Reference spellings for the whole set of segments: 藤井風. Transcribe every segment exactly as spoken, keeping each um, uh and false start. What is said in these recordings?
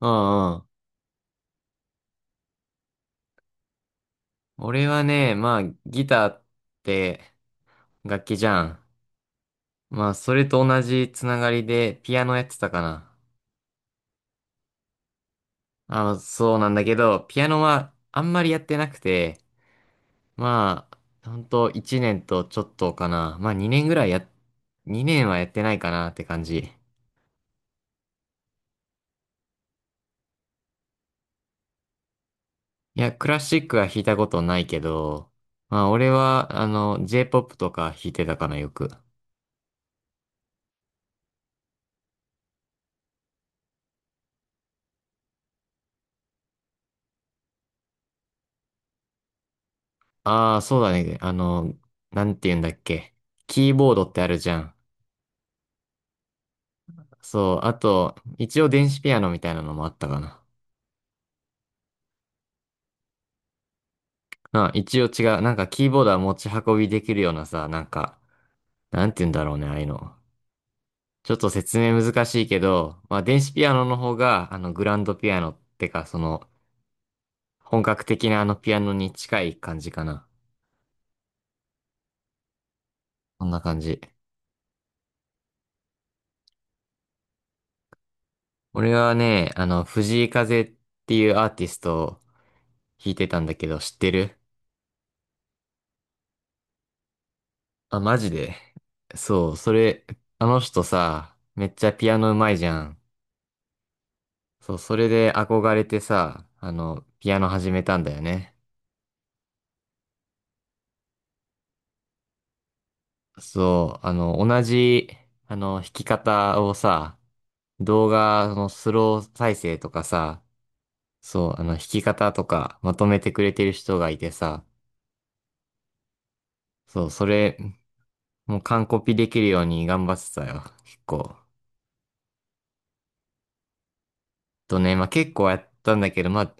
うんうん。俺はね、まあ、ギターって楽器じゃん。まあ、それと同じつながりでピアノやってたかな。あ、そうなんだけど、ピアノはあんまりやってなくて、まあ、ほんといちねんとちょっとかな。まあ、にねんぐらいや、にねんはやってないかなって感じ。いや、クラシックは弾いたことないけど、まあ、俺は、あの、J-ポップ とか弾いてたかな、よく。ああ、そうだね。あの、なんて言うんだっけ。キーボードってあるじゃん。そう、あと、一応電子ピアノみたいなのもあったかな。あ、一応違う。なんかキーボードは持ち運びできるようなさ、なんか、なんて言うんだろうね、ああいうの。ちょっと説明難しいけど、まあ電子ピアノの方が、あの、グランドピアノってか、その、本格的なあのピアノに近い感じかな。そんな感じ。俺はね、あの、藤井風っていうアーティストを弾いてたんだけど、知ってる？あ、マジで？そう、それ、あの人さ、めっちゃピアノ上手いじゃん。そう、それで憧れてさ、あの、ピアノ始めたんだよね。そう、あの、同じ、あの、弾き方をさ、動画のスロー再生とかさ、そう、あの、弾き方とかまとめてくれてる人がいてさ、そう、それ、もう完コピできるように頑張ってたよ、結構。とね、まあ、結構やったんだけど、まあ、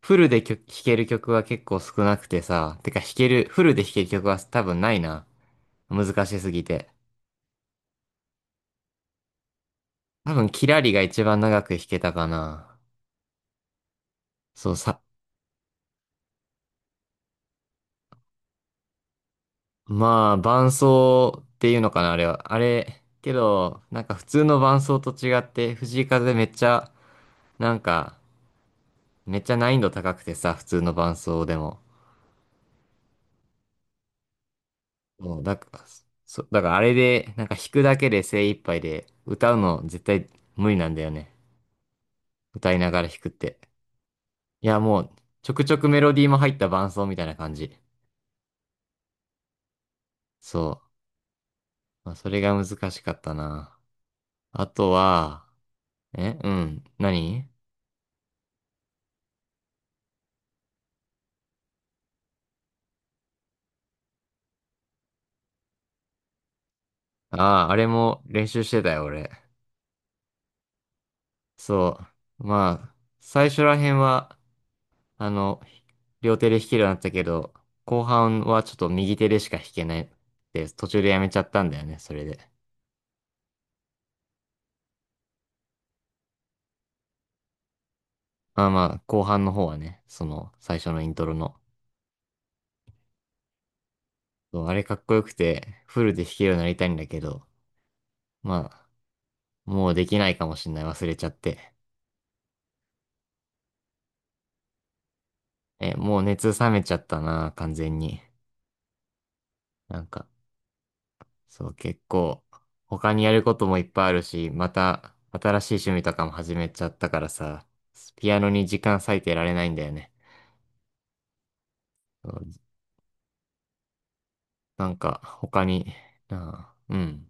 フルで曲、弾ける曲は結構少なくてさ、てか弾ける、フルで弾ける曲は多分ないな。難しすぎて。多分、キラリが一番長く弾けたかな。そうさ、まあ、伴奏っていうのかな、あれは。あれ、けど、なんか普通の伴奏と違って、藤井風めっちゃ、なんか、めっちゃ難易度高くてさ、普通の伴奏でも。もう、だから、そ、だからあれで、なんか弾くだけで精一杯で、歌うの絶対無理なんだよね。歌いながら弾くって。いや、もう、ちょくちょくメロディーも入った伴奏みたいな感じ。そう。まあ、それが難しかったな。あとは、え、うん。何？ああー、あれも練習してたよ、俺。そう。まあ、最初ら辺は、あの、両手で弾けるようになったけど、後半はちょっと右手でしか弾けないって、途中でやめちゃったんだよね、それで。まあまあ、後半の方はね、その、最初のイントロの。そう、あれかっこよくて、フルで弾けるようになりたいんだけど、まあ、もうできないかもしんない、忘れちゃって。え、もう熱冷めちゃったな、完全に。なんかそう、結構、他にやることもいっぱいあるし、また、新しい趣味とかも始めちゃったからさ、ピアノに時間割いてられないんだよね。そうなんか、他に、ああ、うん、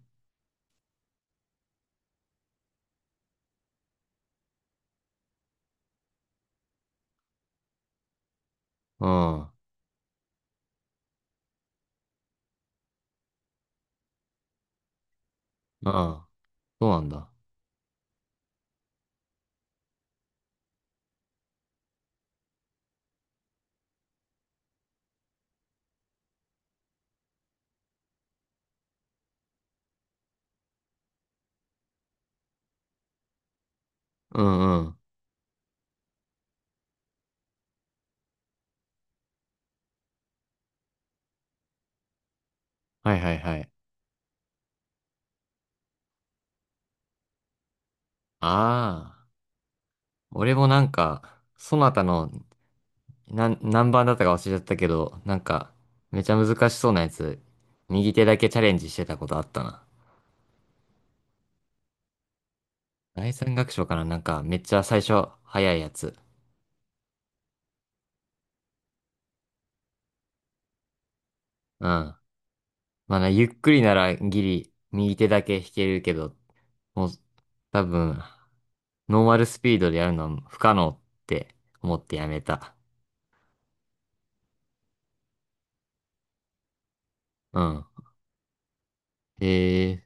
うん、ああ、そうなんだ。うんうん。はいはいはい。ああ、俺もなんか、そなたの、なん、何番だったか忘れちゃったけど、なんか、めちゃ難しそうなやつ、右手だけチャレンジしてたことあったな。第三楽章かな、なんか、めっちゃ最初、早いやつ。うん。まあな、ゆっくりならギリ、右手だけ弾けるけど、もう、多分、ノーマルスピードでやるのは不可能って思ってやめた。うん。ええ、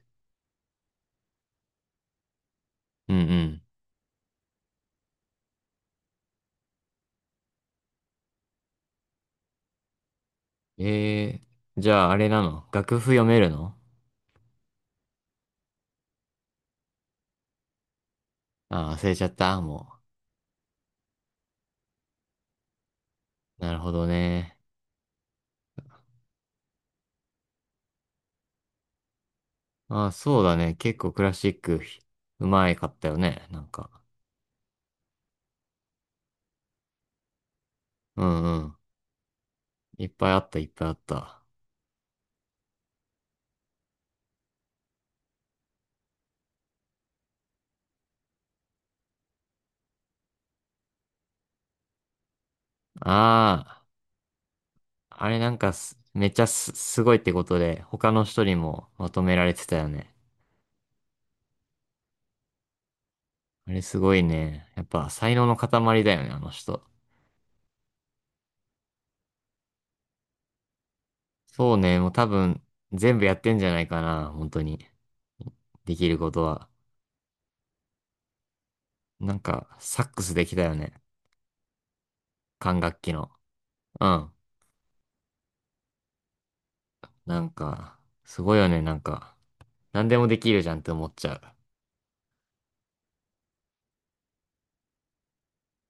うんうん。ええ、じゃああれなの、楽譜読めるの？ああ、忘れちゃった、もう。なるほどね。ああ、そうだね。結構クラシック、うまいかったよね、なんか。うんうん。いっぱいあった、いっぱいあった。ああ。あれなんかす、めっちゃす、すごいってことで、他の人にもまとめられてたよね。あれすごいね。やっぱ才能の塊だよね、あの人。そうね、もう多分全部やってんじゃないかな、本当に。できることは。なんか、サックスできたよね。管楽器の。うん。なんか、すごいよね、なんか。何でもできるじゃんって思っちゃう。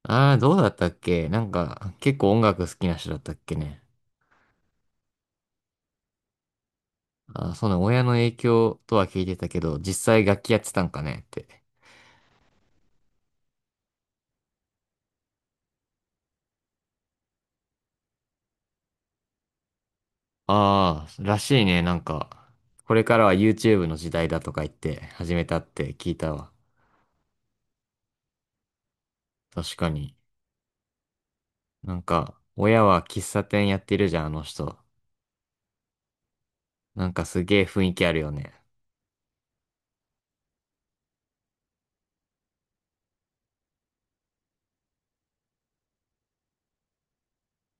ああ、どうだったっけ？なんか、結構音楽好きな人だったっけね。あ、そうなん、親の影響とは聞いてたけど、実際楽器やってたんかねって。ああ、らしいね。なんか、これからは YouTube の時代だとか言って始めたって聞いたわ。確かに。なんか、親は喫茶店やってるじゃん、あの人。なんかすげえ雰囲気あるよね。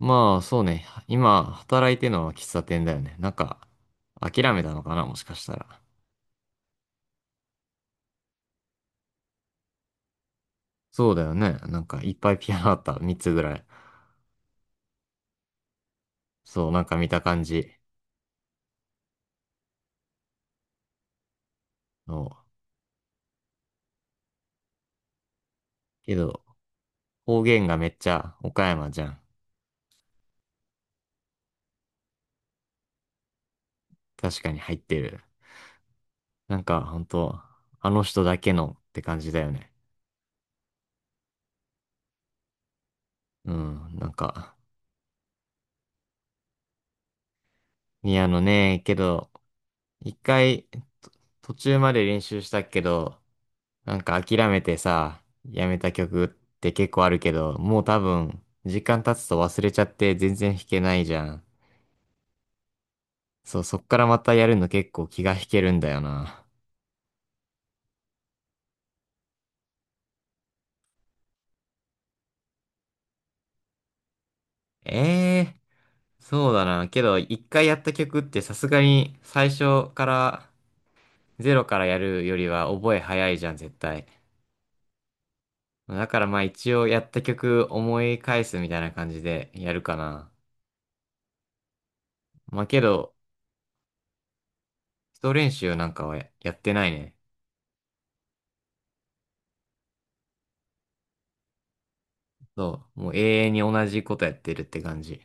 まあ、そうね。今、働いてるのは喫茶店だよね。なんか、諦めたのかな、もしかしたら。そうだよね。なんか、いっぱいピアノあった。みっつぐらい。そう、なんか見た感じの。けど、方言がめっちゃ岡山じゃん。確かに入ってる。なんかほんと、あの人だけのって感じだよね。うん、なんか、宮野ね、けど、一回、と、途中まで練習したけど、なんか諦めてさ、やめた曲って結構あるけど、もう多分、時間経つと忘れちゃって全然弾けないじゃん。そう、そっからまたやるの結構気が引けるんだよな。ええ、そうだな。けど、一回やった曲ってさすがに最初からゼロからやるよりは覚え早いじゃん、絶対。だからまあ一応やった曲思い返すみたいな感じでやるかな。まあけど、基礎練習なんかはややってないね。そう。もう永遠に同じことやってるって感じ。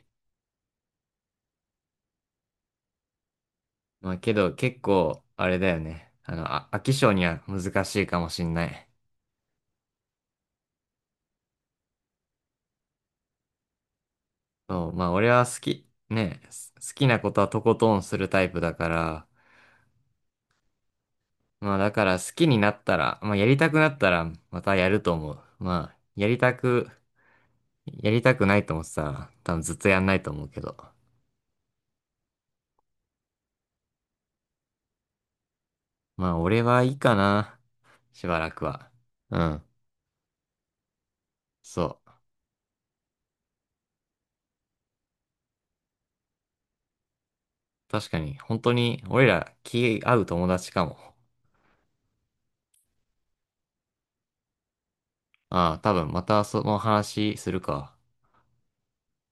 まあけど結構、あれだよね。あの、あ、飽き性には難しいかもしんない。そう。まあ俺は好き、ね、す好きなことはとことんするタイプだから、まあだから好きになったら、まあやりたくなったらまたやると思う。まあやりたく、やりたくないと思ってたら多分ずっとやんないと思うけど。まあ俺はいいかな。しばらくは。うん。そう。確かに本当に俺ら気合う友達かも。ああ、多分またその話するか。